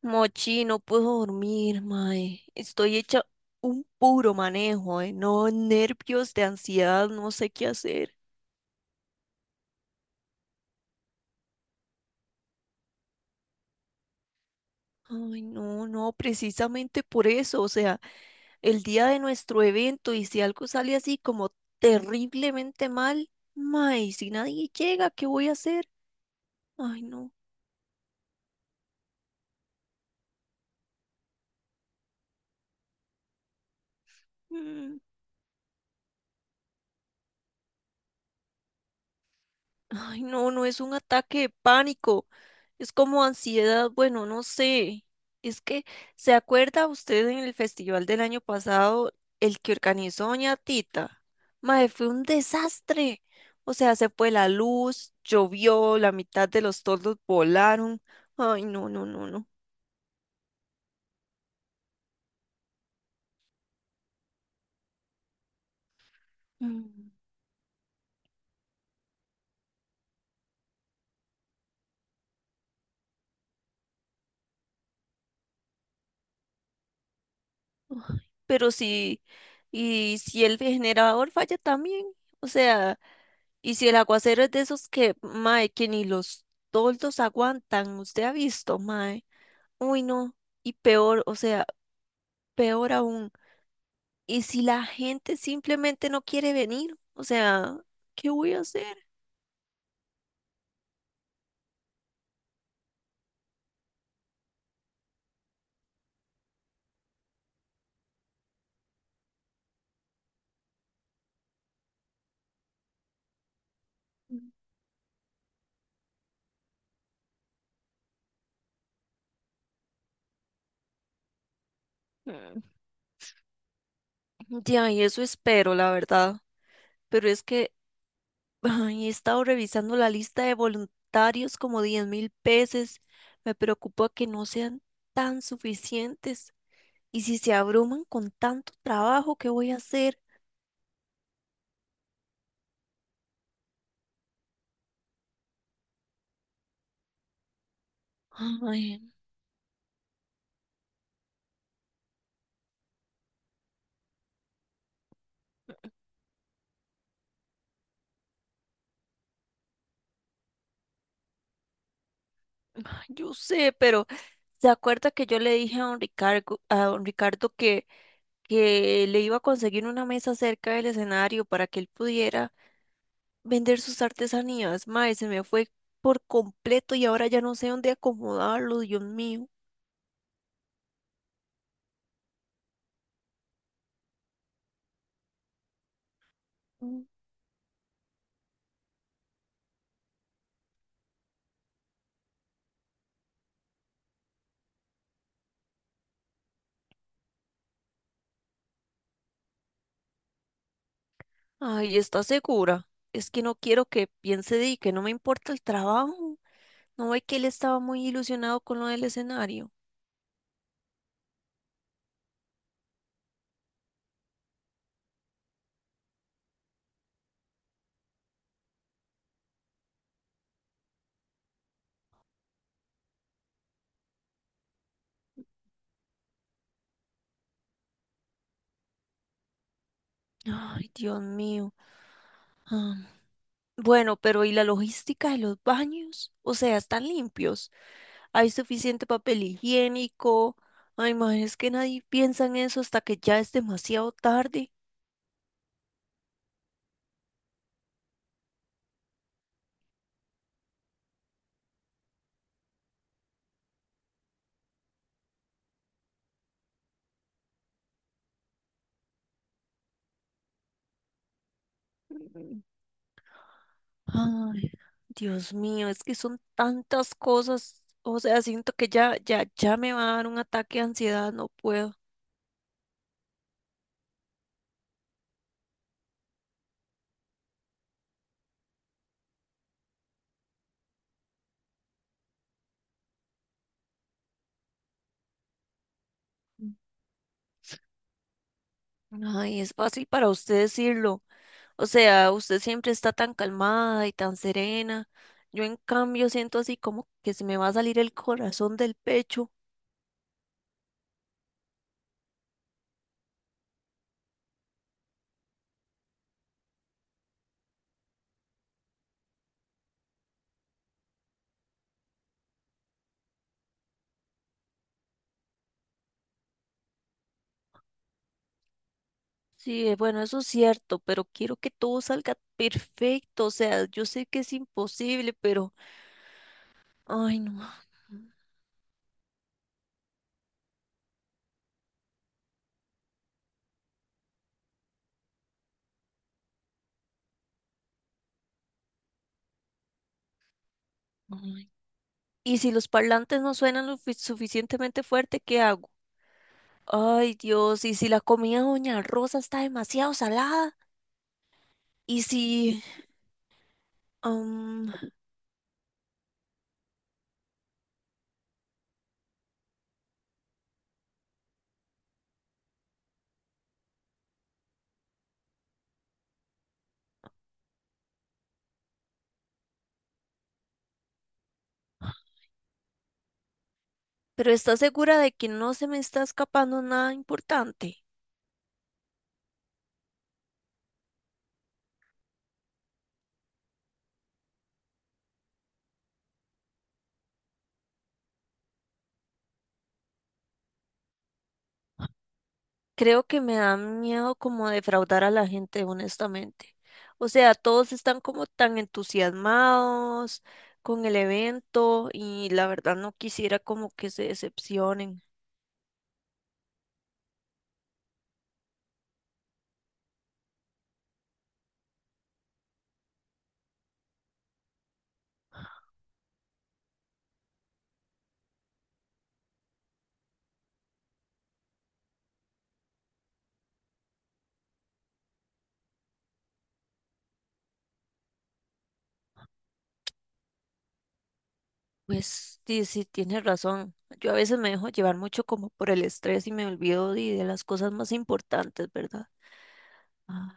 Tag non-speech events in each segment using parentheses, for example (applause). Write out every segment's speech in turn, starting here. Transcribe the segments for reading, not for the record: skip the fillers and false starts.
Mochi, no puedo dormir, mae. Estoy hecha un puro manejo, No, nervios de ansiedad, no sé qué hacer. Ay, no, no, precisamente por eso, o sea, el día de nuestro evento. Y si algo sale así como terriblemente mal, mae, si nadie llega, ¿qué voy a hacer? Ay, no. Mm. Ay, no, no es un ataque de pánico. Es como ansiedad, bueno, no sé. Es que, ¿se acuerda usted en el festival del año pasado, el que organizó Doña Tita? Mae, fue un desastre. O sea, se fue la luz, llovió, la mitad de los toldos volaron. Ay, no, no, no, no. Mm. Ay, pero si, y si el generador falla también, o sea, y si el aguacero es de esos que, mae, que ni los toldos aguantan, usted ha visto, mae. Uy, no. Y peor, o sea, peor aún. ¿Y si la gente simplemente no quiere venir? O sea, ¿qué voy a hacer? Mm. Ya, y eso espero, la verdad. Pero es que (laughs) ay, he estado revisando la lista de voluntarios como 10,000 veces. Me preocupa que no sean tan suficientes. Y si se abruman con tanto trabajo, ¿qué voy a hacer? Ay, ay, yo sé, pero ¿se acuerda que yo le dije a don Ricardo que le iba a conseguir una mesa cerca del escenario para que él pudiera vender sus artesanías. Mae, se me fue por completo y ahora ya no sé dónde acomodarlo, Dios mío. Mm. Ay, ¿está segura? Es que no quiero que piense de que no me importa el trabajo. No ve que él estaba muy ilusionado con lo del escenario. Ay, Dios mío. Ah, bueno, pero ¿y la logística de los baños? O sea, ¿están limpios? ¿Hay suficiente papel higiénico? Ay, ma, es que nadie piensa en eso hasta que ya es demasiado tarde. Mm. Ay, Dios mío, es que son tantas cosas. O sea, siento que ya, ya, ya me va a dar un ataque de ansiedad, no puedo. Ay, es fácil para usted decirlo. O sea, usted siempre está tan calmada y tan serena. Yo en cambio siento así como que se me va a salir el corazón del pecho. Sí, bueno, eso es cierto, pero quiero que todo salga perfecto. O sea, yo sé que es imposible, pero... Ay, no. Ay. ¿Y si los parlantes no suenan lo suficientemente fuerte, qué hago? Ay, Dios, ¿y si la comida de Doña Rosa está demasiado salada? ¿Y si... am, pero ¿estás segura de que no se me está escapando nada importante? Creo que me da miedo como defraudar a la gente, honestamente. O sea, todos están como tan entusiasmados con el evento y la verdad no quisiera como que se decepcionen. Pues sí, sí, tienes razón. Yo a veces me dejo llevar mucho como por el estrés y me olvido de las cosas más importantes, ¿verdad? Ah.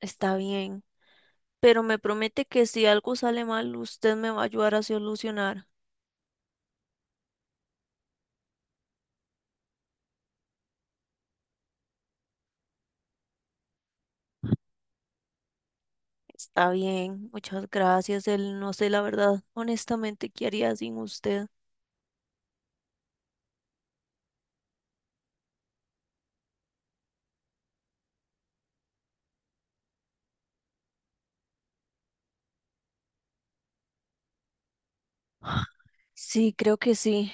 Está bien, pero me promete que si algo sale mal, usted me va a ayudar a solucionar. Está bien, muchas gracias. Él no sé la verdad, honestamente, qué haría sin usted. Sí, creo que sí.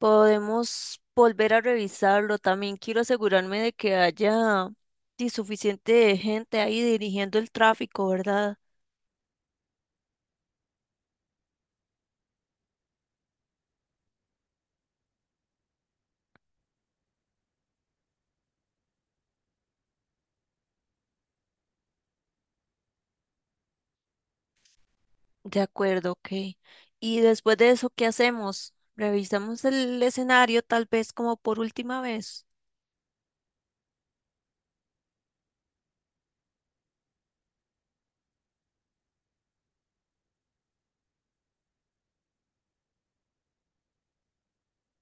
Podemos volver a revisarlo. También quiero asegurarme de que haya sí, suficiente gente ahí dirigiendo el tráfico, ¿verdad? De acuerdo, ok. Y después de eso, ¿qué hacemos? ¿Revisamos el escenario tal vez como por última vez?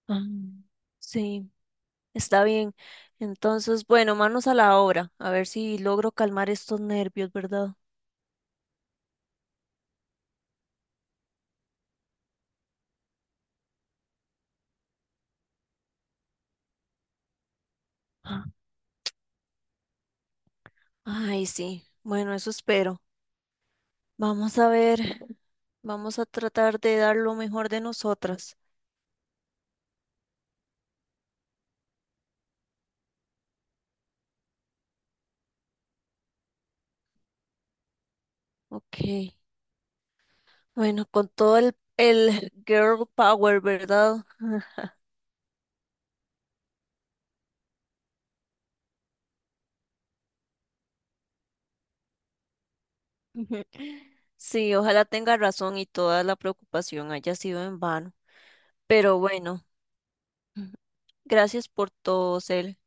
Ah, sí. Está bien. Entonces, bueno, manos a la obra, a ver si logro calmar estos nervios, ¿verdad? Ah. Ay, sí. Bueno, eso espero. Vamos a ver, vamos a tratar de dar lo mejor de nosotras. Ok. Bueno, con todo el girl power, ¿verdad? (laughs) Ujú. Sí, ojalá tenga razón y toda la preocupación haya sido en vano. Pero bueno, gracias por todo, Cel.